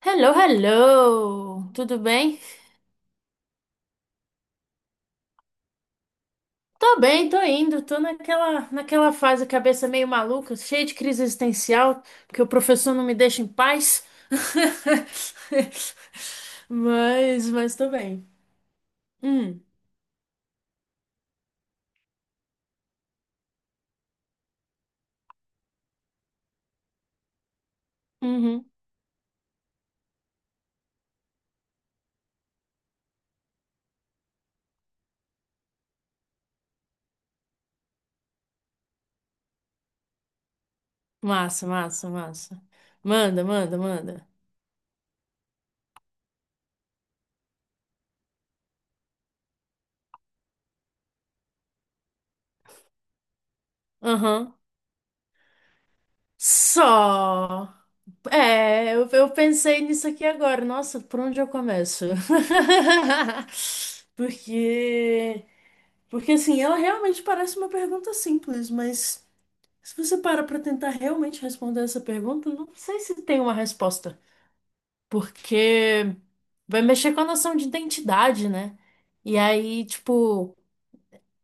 Hello, hello! Tudo bem? Tô bem, tô indo, tô naquela fase cabeça meio maluca, cheia de crise existencial, porque o professor não me deixa em paz. Mas tô bem. Hum, uhum. Massa, massa, massa. Manda, manda, manda. Aham. Só. É, eu pensei nisso aqui agora. Nossa, por onde eu começo? Porque Porque assim, ela realmente parece uma pergunta simples, mas se você para para tentar realmente responder essa pergunta, não sei se tem uma resposta, porque vai mexer com a noção de identidade, né? E aí, tipo,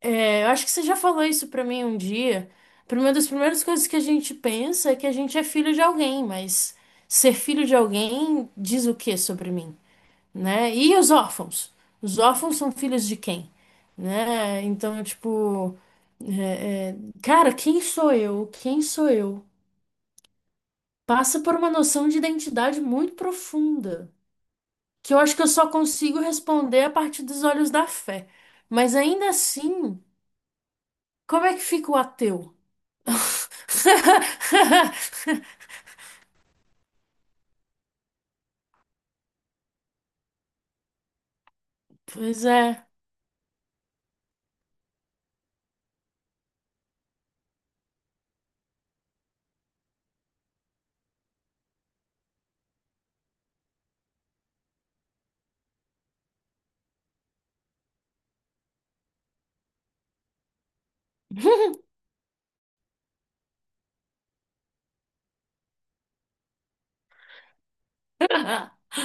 é, eu acho que você já falou isso pra mim um dia. Uma das primeiras coisas que a gente pensa é que a gente é filho de alguém, mas ser filho de alguém diz o que sobre mim? Né? E os órfãos? Os órfãos são filhos de quem? Né? Então, tipo, é, é, cara, quem sou eu? Quem sou eu? Passa por uma noção de identidade muito profunda, que eu acho que eu só consigo responder a partir dos olhos da fé. Mas ainda assim, como é que fica o ateu? Pois é.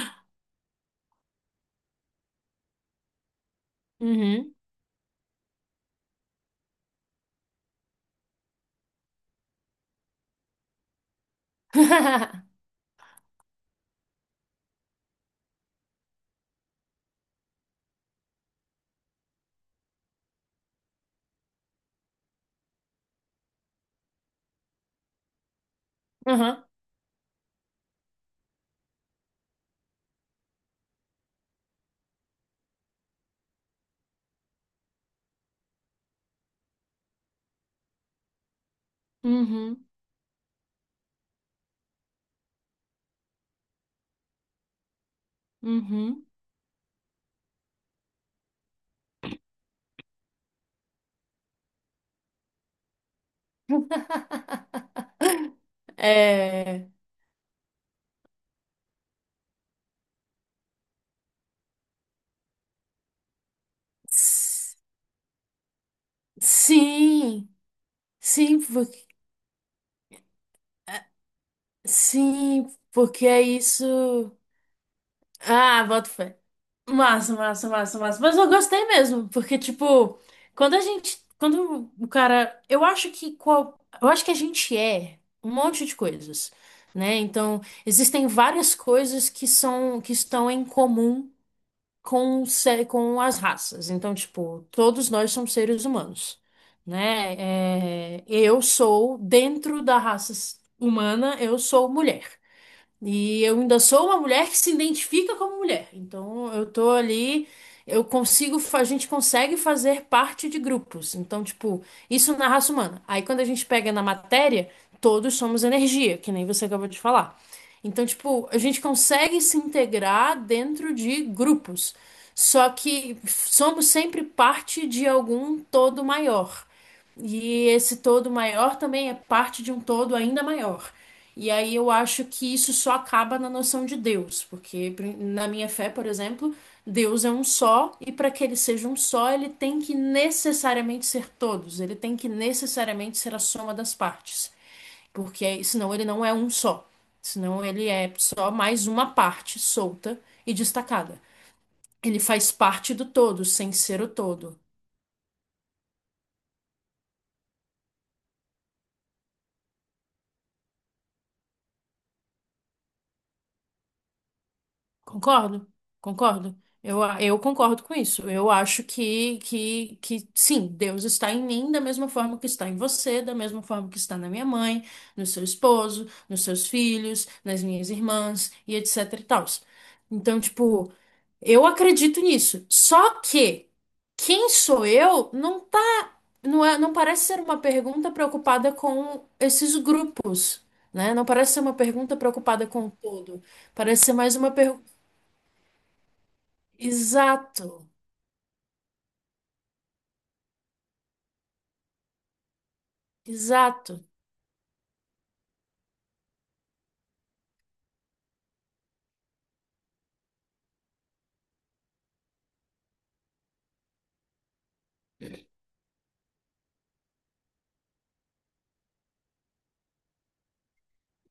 Uhum. Uhum. Uhum. Uhum. É. S- Sim, sim, porque, sim, porque é isso. Ah, boto fé. Massa, massa, massa, massa. Mas eu gostei mesmo, porque, tipo, quando a gente. Quando o cara. Eu acho que qual. Eu acho que a gente é um monte de coisas, né? Então, existem várias coisas que são, que estão em comum com, com as raças. Então, tipo, todos nós somos seres humanos, né? É, eu sou, dentro da raça humana, eu sou mulher. E eu ainda sou uma mulher que se identifica como mulher. Então, eu tô ali, eu consigo, a gente consegue fazer parte de grupos. Então, tipo, isso na raça humana. Aí, quando a gente pega na matéria, todos somos energia, que nem você acabou de falar. Então, tipo, a gente consegue se integrar dentro de grupos, só que somos sempre parte de algum todo maior. E esse todo maior também é parte de um todo ainda maior. E aí eu acho que isso só acaba na noção de Deus, porque na minha fé, por exemplo, Deus é um só, e para que ele seja um só, ele tem que necessariamente ser todos, ele tem que necessariamente ser a soma das partes. Porque senão ele não é um só. Senão ele é só mais uma parte solta e destacada. Ele faz parte do todo, sem ser o todo. Concordo? Concordo. Eu, eu concordo com isso. Eu acho que sim, Deus está em mim da mesma forma que está em você, da mesma forma que está na minha mãe, no seu esposo, nos seus filhos, nas minhas irmãs e etc e tal. Então, tipo, eu acredito nisso. Só que quem sou eu não Não é, não parece ser uma pergunta preocupada com esses grupos, né? Não parece ser uma pergunta preocupada com o todo. Parece ser mais uma pergunta. Exato, exato.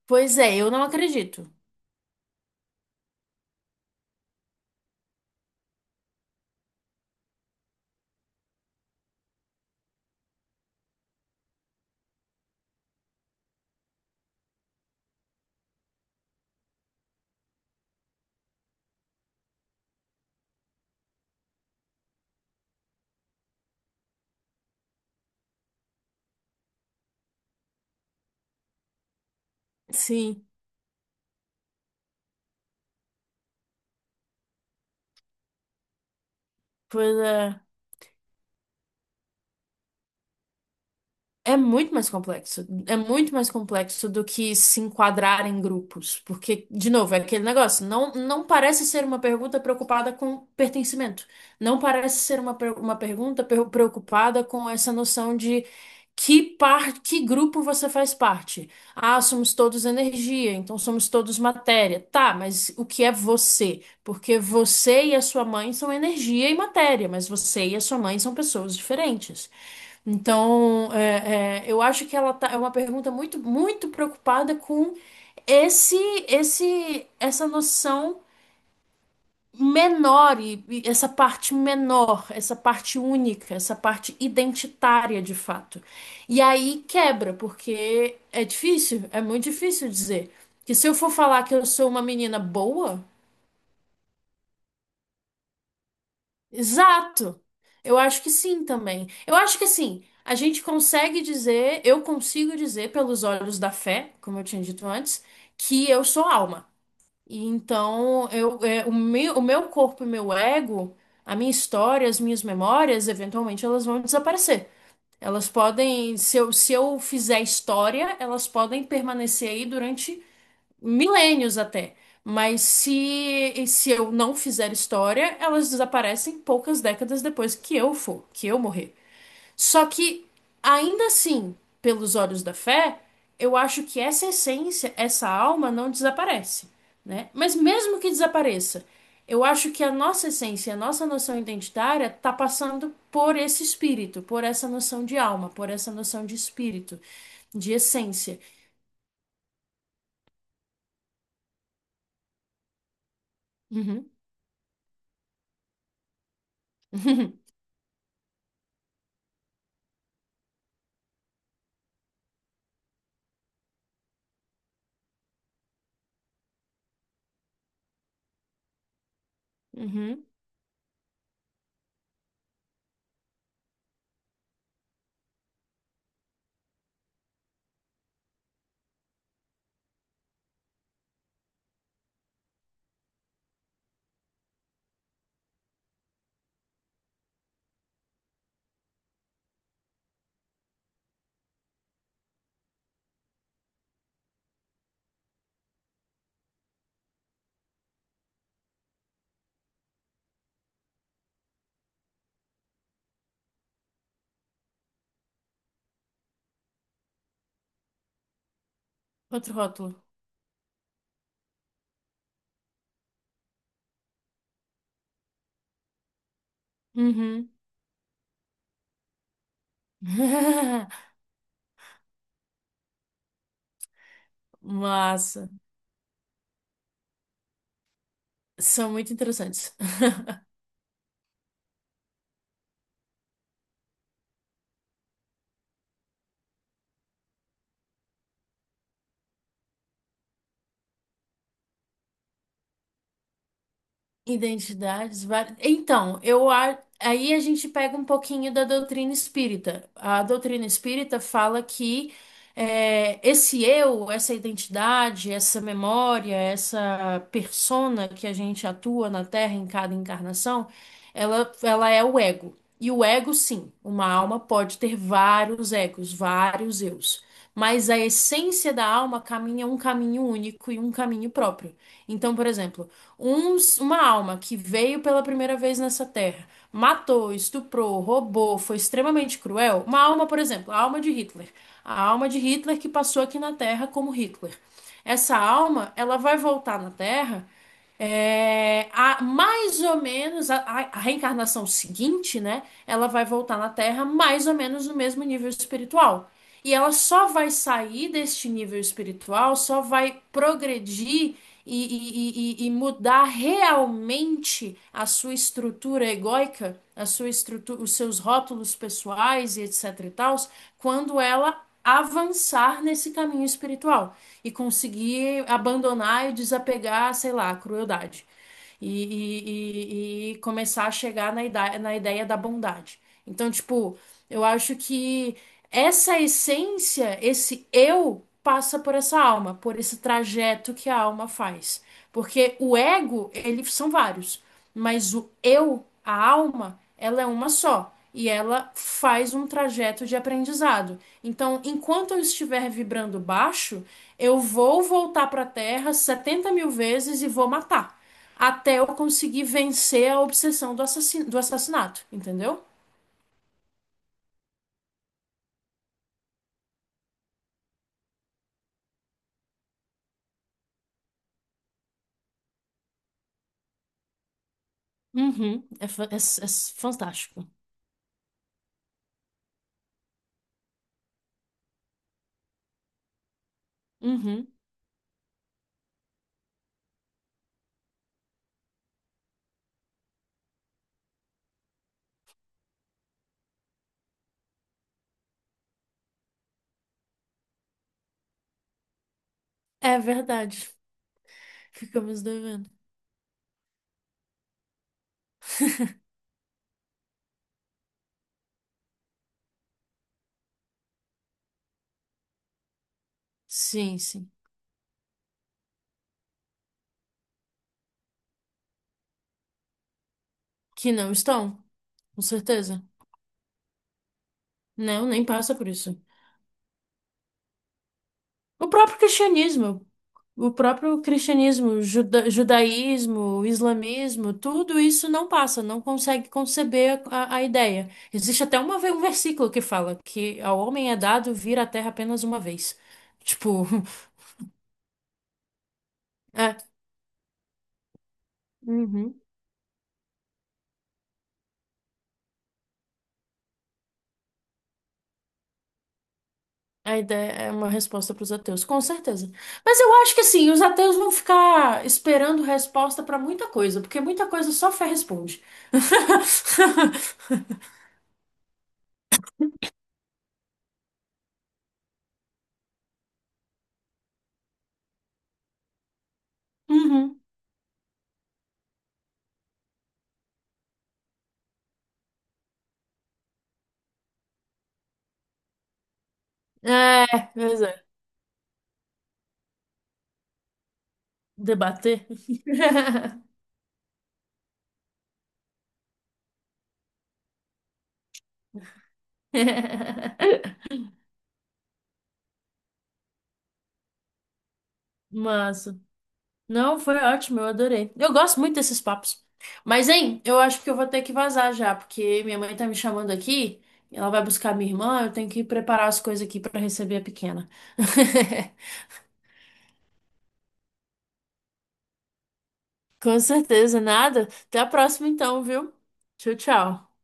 Pois é, eu não acredito. Sim, pois é. É muito mais complexo. É muito mais complexo do que se enquadrar em grupos. Porque, de novo, é aquele negócio. Não, não parece ser uma pergunta preocupada com pertencimento. Não parece ser uma, uma pergunta preocupada com essa noção de que parte, que grupo você faz parte. Ah, somos todos energia, então somos todos matéria. Tá, mas o que é você? Porque você e a sua mãe são energia e matéria, mas você e a sua mãe são pessoas diferentes. Então, é, é, eu acho que ela tá, é uma pergunta muito, muito preocupada com esse, essa noção menor e essa parte menor, essa parte única, essa parte identitária de fato. E aí quebra, porque é difícil, é muito difícil dizer. Que se eu for falar que eu sou uma menina boa, exato. Eu acho que sim também. Eu acho que assim, a gente consegue dizer, eu consigo dizer pelos olhos da fé, como eu tinha dito antes, que eu sou alma. E então, eu, é, o meu corpo e meu ego, a minha história, as minhas memórias, eventualmente elas vão desaparecer. Elas podem, se eu fizer história, elas podem permanecer aí durante milênios até. Mas se eu não fizer história, elas desaparecem poucas décadas depois que eu for, que eu morrer. Só que, ainda assim, pelos olhos da fé, eu acho que essa essência, essa alma não desaparece, né? Mas mesmo que desapareça, eu acho que a nossa essência, a nossa noção identitária está passando por esse espírito, por essa noção de alma, por essa noção de espírito, de essência. Uhum. Uhum. Outro rótulo. Uhum. Massa. São muito interessantes. Identidades várias. Então, eu aí a gente pega um pouquinho da doutrina espírita. A doutrina espírita fala que é, esse eu, essa identidade, essa memória, essa persona que a gente atua na Terra em cada encarnação, ela é o ego. E o ego, sim, uma alma pode ter vários egos, vários eus. Mas a essência da alma caminha um caminho único e um caminho próprio. Então, por exemplo uma alma que veio pela primeira vez nessa terra, matou, estuprou, roubou, foi extremamente cruel. Uma alma, por exemplo, a alma de Hitler. A alma de Hitler que passou aqui na Terra como Hitler. Essa alma, ela vai voltar na Terra é, a, mais ou menos a reencarnação seguinte, né? Ela vai voltar na Terra mais ou menos no mesmo nível espiritual. E ela só vai sair deste nível espiritual, só vai progredir e mudar realmente a sua estrutura egóica, a sua estrutura, os seus rótulos pessoais e etc e tal, quando ela avançar nesse caminho espiritual e conseguir abandonar e desapegar, sei lá, a crueldade. E começar a chegar na ideia da bondade. Então, tipo. Eu acho que essa essência, esse eu, passa por essa alma, por esse trajeto que a alma faz. Porque o ego, eles são vários, mas o eu, a alma, ela é uma só. E ela faz um trajeto de aprendizado. Então, enquanto eu estiver vibrando baixo, eu vou voltar para a Terra 70 mil vezes e vou matar. Até eu conseguir vencer a obsessão do assassinato, entendeu? Uhum. Fantástico. Uhum. É verdade. Ficamos devendo. Sim, sim. Que não estão, com certeza. Não, nem passa por isso. O próprio cristianismo, o próprio cristianismo, judaísmo, islamismo, tudo isso não passa, não consegue conceber a ideia. Existe até uma, um versículo que fala que ao homem é dado vir à terra apenas uma vez. Tipo, é. Uhum. A ideia é uma resposta para os ateus, com certeza. Mas eu acho que assim, os ateus vão ficar esperando resposta para muita coisa, porque muita coisa só fé responde. Uhum. É, pois é. Debater. Massa. Não, foi ótimo, eu adorei. Eu gosto muito desses papos. Mas, hein, eu acho que eu vou ter que vazar já, porque minha mãe tá me chamando aqui, ela vai buscar minha irmã, eu tenho que preparar as coisas aqui para receber a pequena. Com certeza, nada. Até a próxima então, viu? Tchau, tchau.